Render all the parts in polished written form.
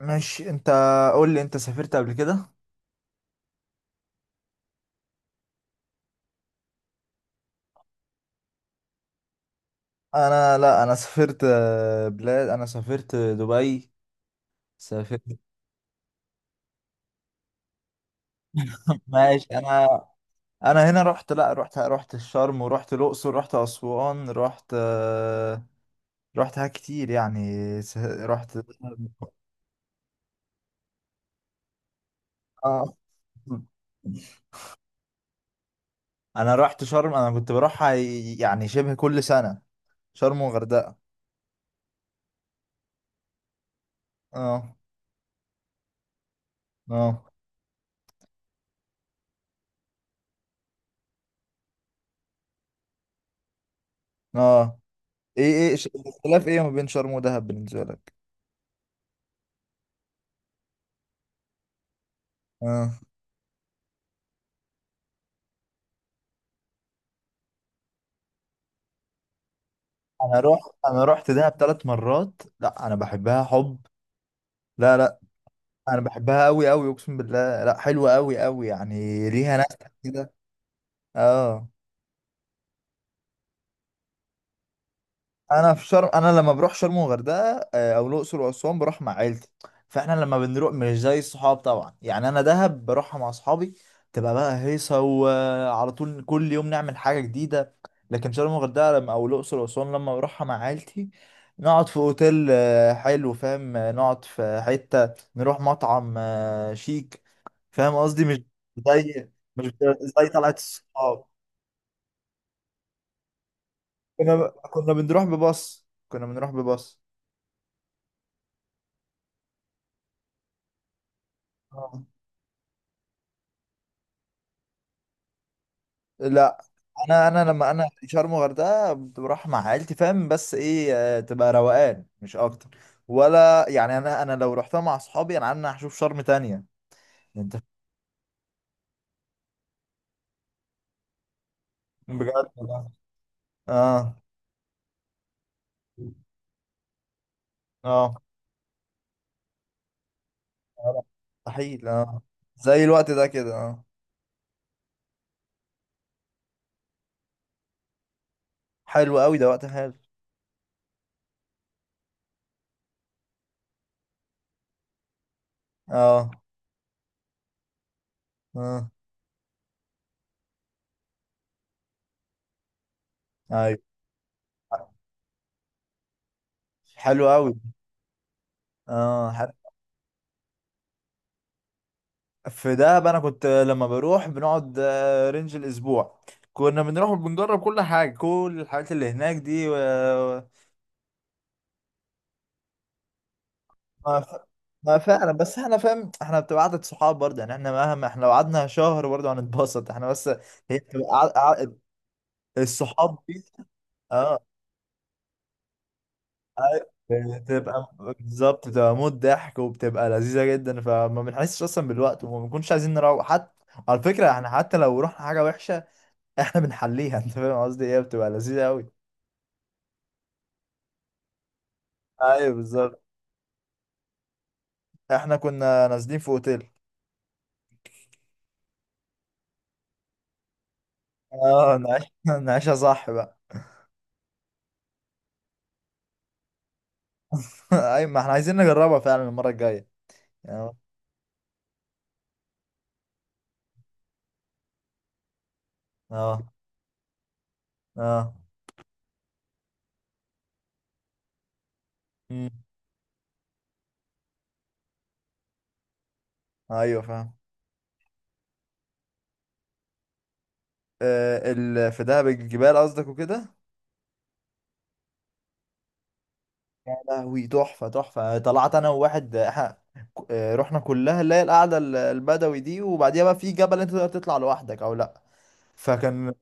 ماشي انت. قول لي، انت سافرت قبل كده؟ انا، لا، انا سافرت بلاد. انا سافرت دبي. سافرت ماشي انا. انا هنا رحت، لا، رحت الشرم، ورحت الاقصر، رحت اسوان، رحت رحت حاجات كتير يعني. رحت اه. انا رحت شرم. انا كنت بروحها يعني شبه كل سنة. شرم وغردقة. اه. اه. اه. ايه. الاختلاف ايه ما بين شرم ودهب بالنسبة لك؟ آه. انا رحت دهب 3 مرات. لا، انا بحبها حب. لا، لا. انا بحبها قوي قوي، اقسم بالله. لا، حلوه قوي قوي يعني، ليها نكهه كده. اه. انا لما بروح شرم وغردقه، او الاقصر واسوان، بروح مع عيلتي. فاحنا لما بنروح مش زي الصحاب طبعا، يعني انا دهب بروحها مع اصحابي. تبقى بقى هيصه، وعلى طول كل يوم نعمل حاجه جديده. لكن شرم وغردقه لما، او الاقصر واسوان، لما بروحها مع عيلتي، نقعد في اوتيل حلو، فاهم، نقعد في حته، نروح مطعم شيك. فاهم قصدي؟ مش زي مش زي طلعت الصحاب. كنا كنا بنروح بباص. كنا بنروح بباص. لا، انا لما انا شرم الغردقه بروح مع عيلتي، فاهم، بس ايه، تبقى روقان مش اكتر. ولا يعني، انا لو رحتها مع اصحابي، انا عندنا هشوف شرم تانية. انت. فاهم بجد والله. اه. اه. آه، مستحيل. اه. زي الوقت ده كده. اه. حلو قوي ده، وقت حلو. اه. اه. ايوه حلو قوي. اه حلو. في دهب انا كنت لما بروح بنقعد رينج الاسبوع. كنا بنروح وبنجرب كل حاجه، كل الحاجات اللي هناك دي. ما, ف... ما، فعلا، بس احنا، فاهم، احنا بتبقى قعدة صحاب برضه يعني. احنا مهما لو قعدنا شهر برضه هنتبسط احنا، بس هي بتبقى الصحاب دي. اه. أي- بتبقى بالظبط، بتبقى موت ضحك وبتبقى لذيذه جدا، فما بنحسش اصلا بالوقت، وما بنكونش عايزين نروح حتى. على فكره، احنا حتى لو رحنا حاجه وحشه احنا بنحليها انت فاهم قصدي ايه؟ بتبقى لذيذه قوي. ايوه بالظبط. احنا كنا نازلين في اوتيل. اه، نعيش نعيشها صح بقى. ايوه ما احنا عايزين نجربها فعلا المره الجايه. اه. اه. اه. مم. ايوه فاهم. آه، في دهب، الجبال قصدك وكده. يا لهوي، تحفه تحفه. طلعت انا وواحد احنا رحنا كلها، اللي هي القعده البدوي دي، وبعديها بقى في جبل انت تقدر تطلع لوحدك او لا. فكان.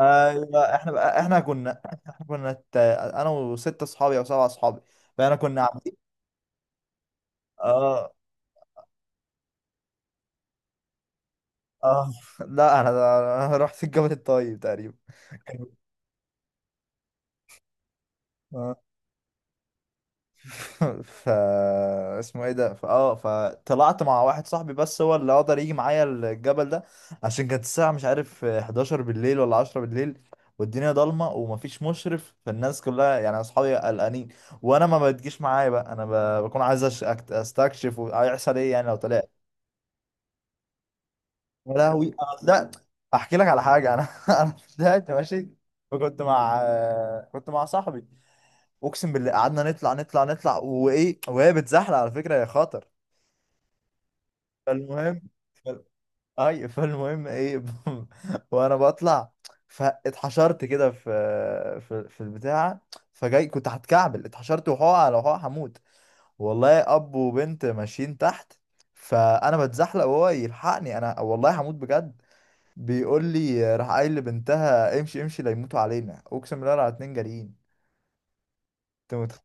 ايوه احنا كنا انا وستة اصحابي او 7 اصحابي، فاحنا كنا. اه. اه. لا، أنا رحت الجبل الطيب تقريبا. كان- اه. ف اسمه ايه ده ف اه فطلعت مع واحد صاحبي، بس هو اللي قدر يجي معايا الجبل ده، عشان كانت الساعة مش عارف 11 بالليل ولا 10 بالليل، والدنيا ضلمة ومفيش مشرف، فالناس كلها يعني اصحابي قلقانين، وانا ما بتجيش معايا بقى. انا بكون عايز استكشف، وهيحصل ايه يعني لو طلعت. يا لهوي، أنا بدأت احكي لك على حاجه. انا انا بدأت ماشي، وكنت مع كنت مع صاحبي. اقسم بالله قعدنا نطلع، نطلع، نطلع، وايه، وهي بتزحلق على فكره يا خاطر. فالمهم فال... اي فالمهم ايه؟ وانا بطلع، فاتحشرت كده في، في البتاع. فجاي كنت هتكعبل، اتحشرت وحقع على حقع، هموت والله. اب وبنت ماشيين تحت، فانا بتزحلق وهو يلحقني، انا والله هموت بجد. بيقول لي، راح قايل لبنتها: امشي امشي لا يموتوا علينا، اقسم بالله، على 2 جاريين. انت متخ-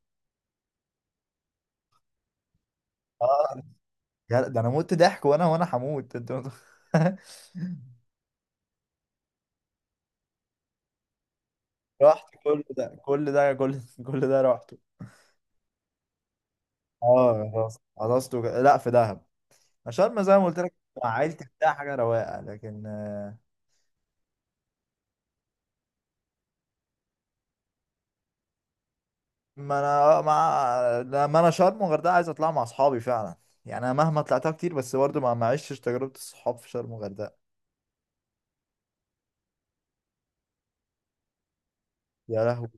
اه. ده انا مت ضحك، وانا هموت. رحت كل ده رحته. اه، خلاص خلصته، لا، في دهب، عشان زي ما قلت لك، مع عيلتي بتاع حاجه رواقه، لكن ما انا مع لما انا شرم وغردقه عايز اطلع مع اصحابي فعلا. يعني انا مهما طلعتها كتير، بس برضه ما عشتش تجربه الصحاب في شرم وغردقه. يا لهوي.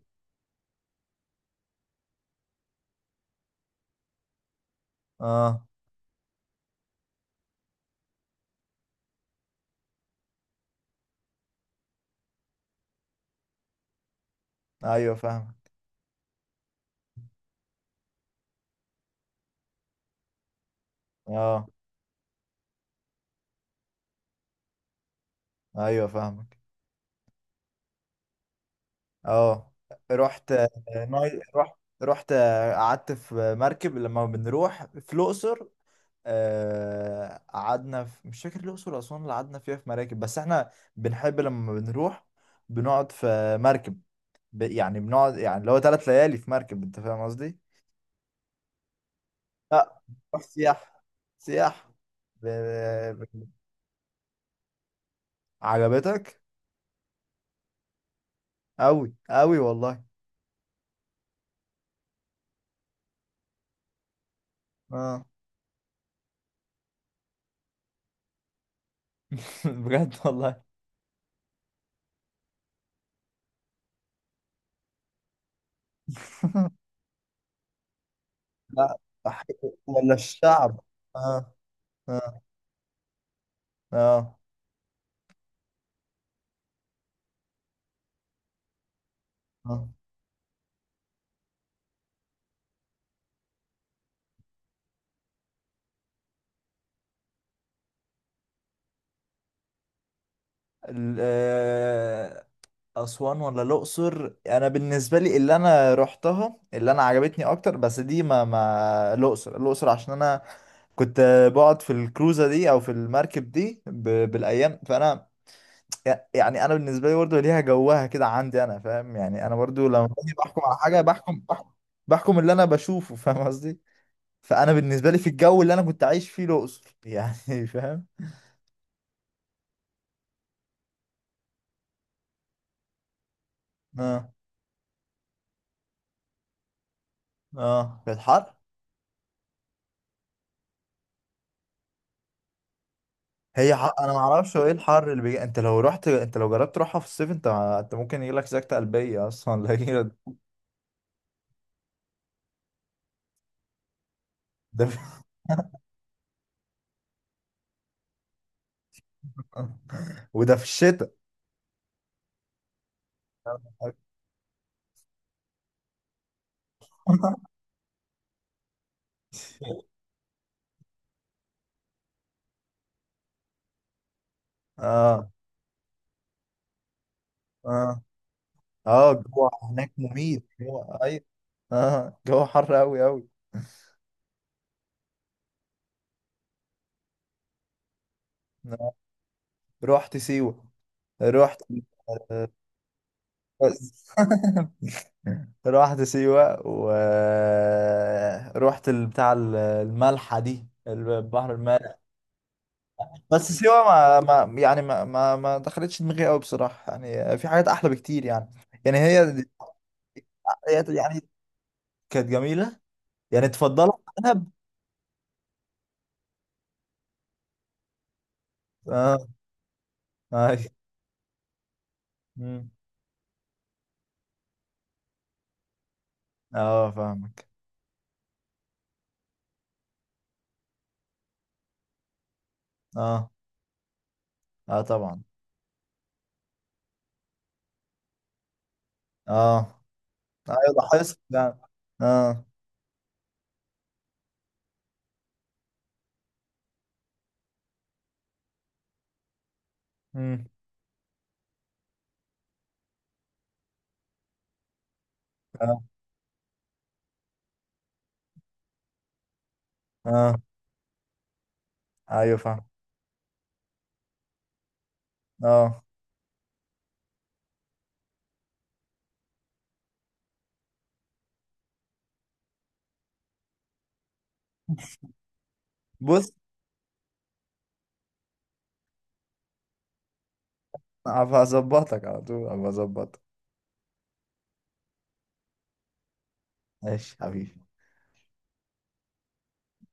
اه. ايوه فاهم. اه. ايوه فاهمك. اه. رحت رحت، قعدت في مركب لما بنروح في الاقصر. قعدنا في مش فاكر الاقصر واسوان اللي قعدنا فيها في مراكب، بس احنا بنحب لما بنروح بنقعد في مركب، يعني بنقعد، يعني اللي هو 3 ليالي في مركب. انت فاهم قصدي؟ لا، بنروح سياحة. سياحة. ب... ب- عجبتك؟ أوي أوي والله. اه. بجد والله. لا. ولا الشعب. اه. اه. اه. آه. ال- آه، أسوان ولا الأقصر؟ أنا بالنسبة لي اللي أنا روحتها، اللي أنا عجبتني أكتر، بس دي ما، الأقصر، الأقصر عشان أنا كنت بقعد في الكروزة دي أو في المركب دي بالأيام. فأنا يعني، أنا بالنسبة لي برضه ليها جوها كده عندي أنا، فاهم. يعني أنا برضه لما باجي بحكم على حاجة، بحكم اللي أنا بشوفه، فاهم قصدي. فانا بالنسبه لي في الجو اللي انا كنت عايش فيه الاقصر يعني فاهم. اه. اه في الحر. هي حق، انا ما اعرفش هو ايه الحر اللي بيجي. انت لو جربت تروحها في الصيف، انت ممكن يجيلك سكتة قلبية اصلا لا، ده وده في الشتاء. اه. اه. اه الجو هناك مميت هو، ايوه. اه، جو حر قوي قوي. رحت سيوة. رحت آه، بس. رحت سيوة ورحت بتاع الملحة دي، البحر المالح. بس سيوة، ما، يعني، ما دخلتش دماغي قوي بصراحة، يعني في حاجات أحلى بكتير يعني. يعني هي، هي يعني كانت جميلة. يعني تفضلها عن دهب؟ اه. اه. مم. اه فاهمك. اه. اه طبعا. اه ايوه لاحظت يعني. اه. مم. اه. اه ايوه فاهم. اه. بص، هبقى اظبطك على طول، هبقى اظبطك. ماشي حبيبي.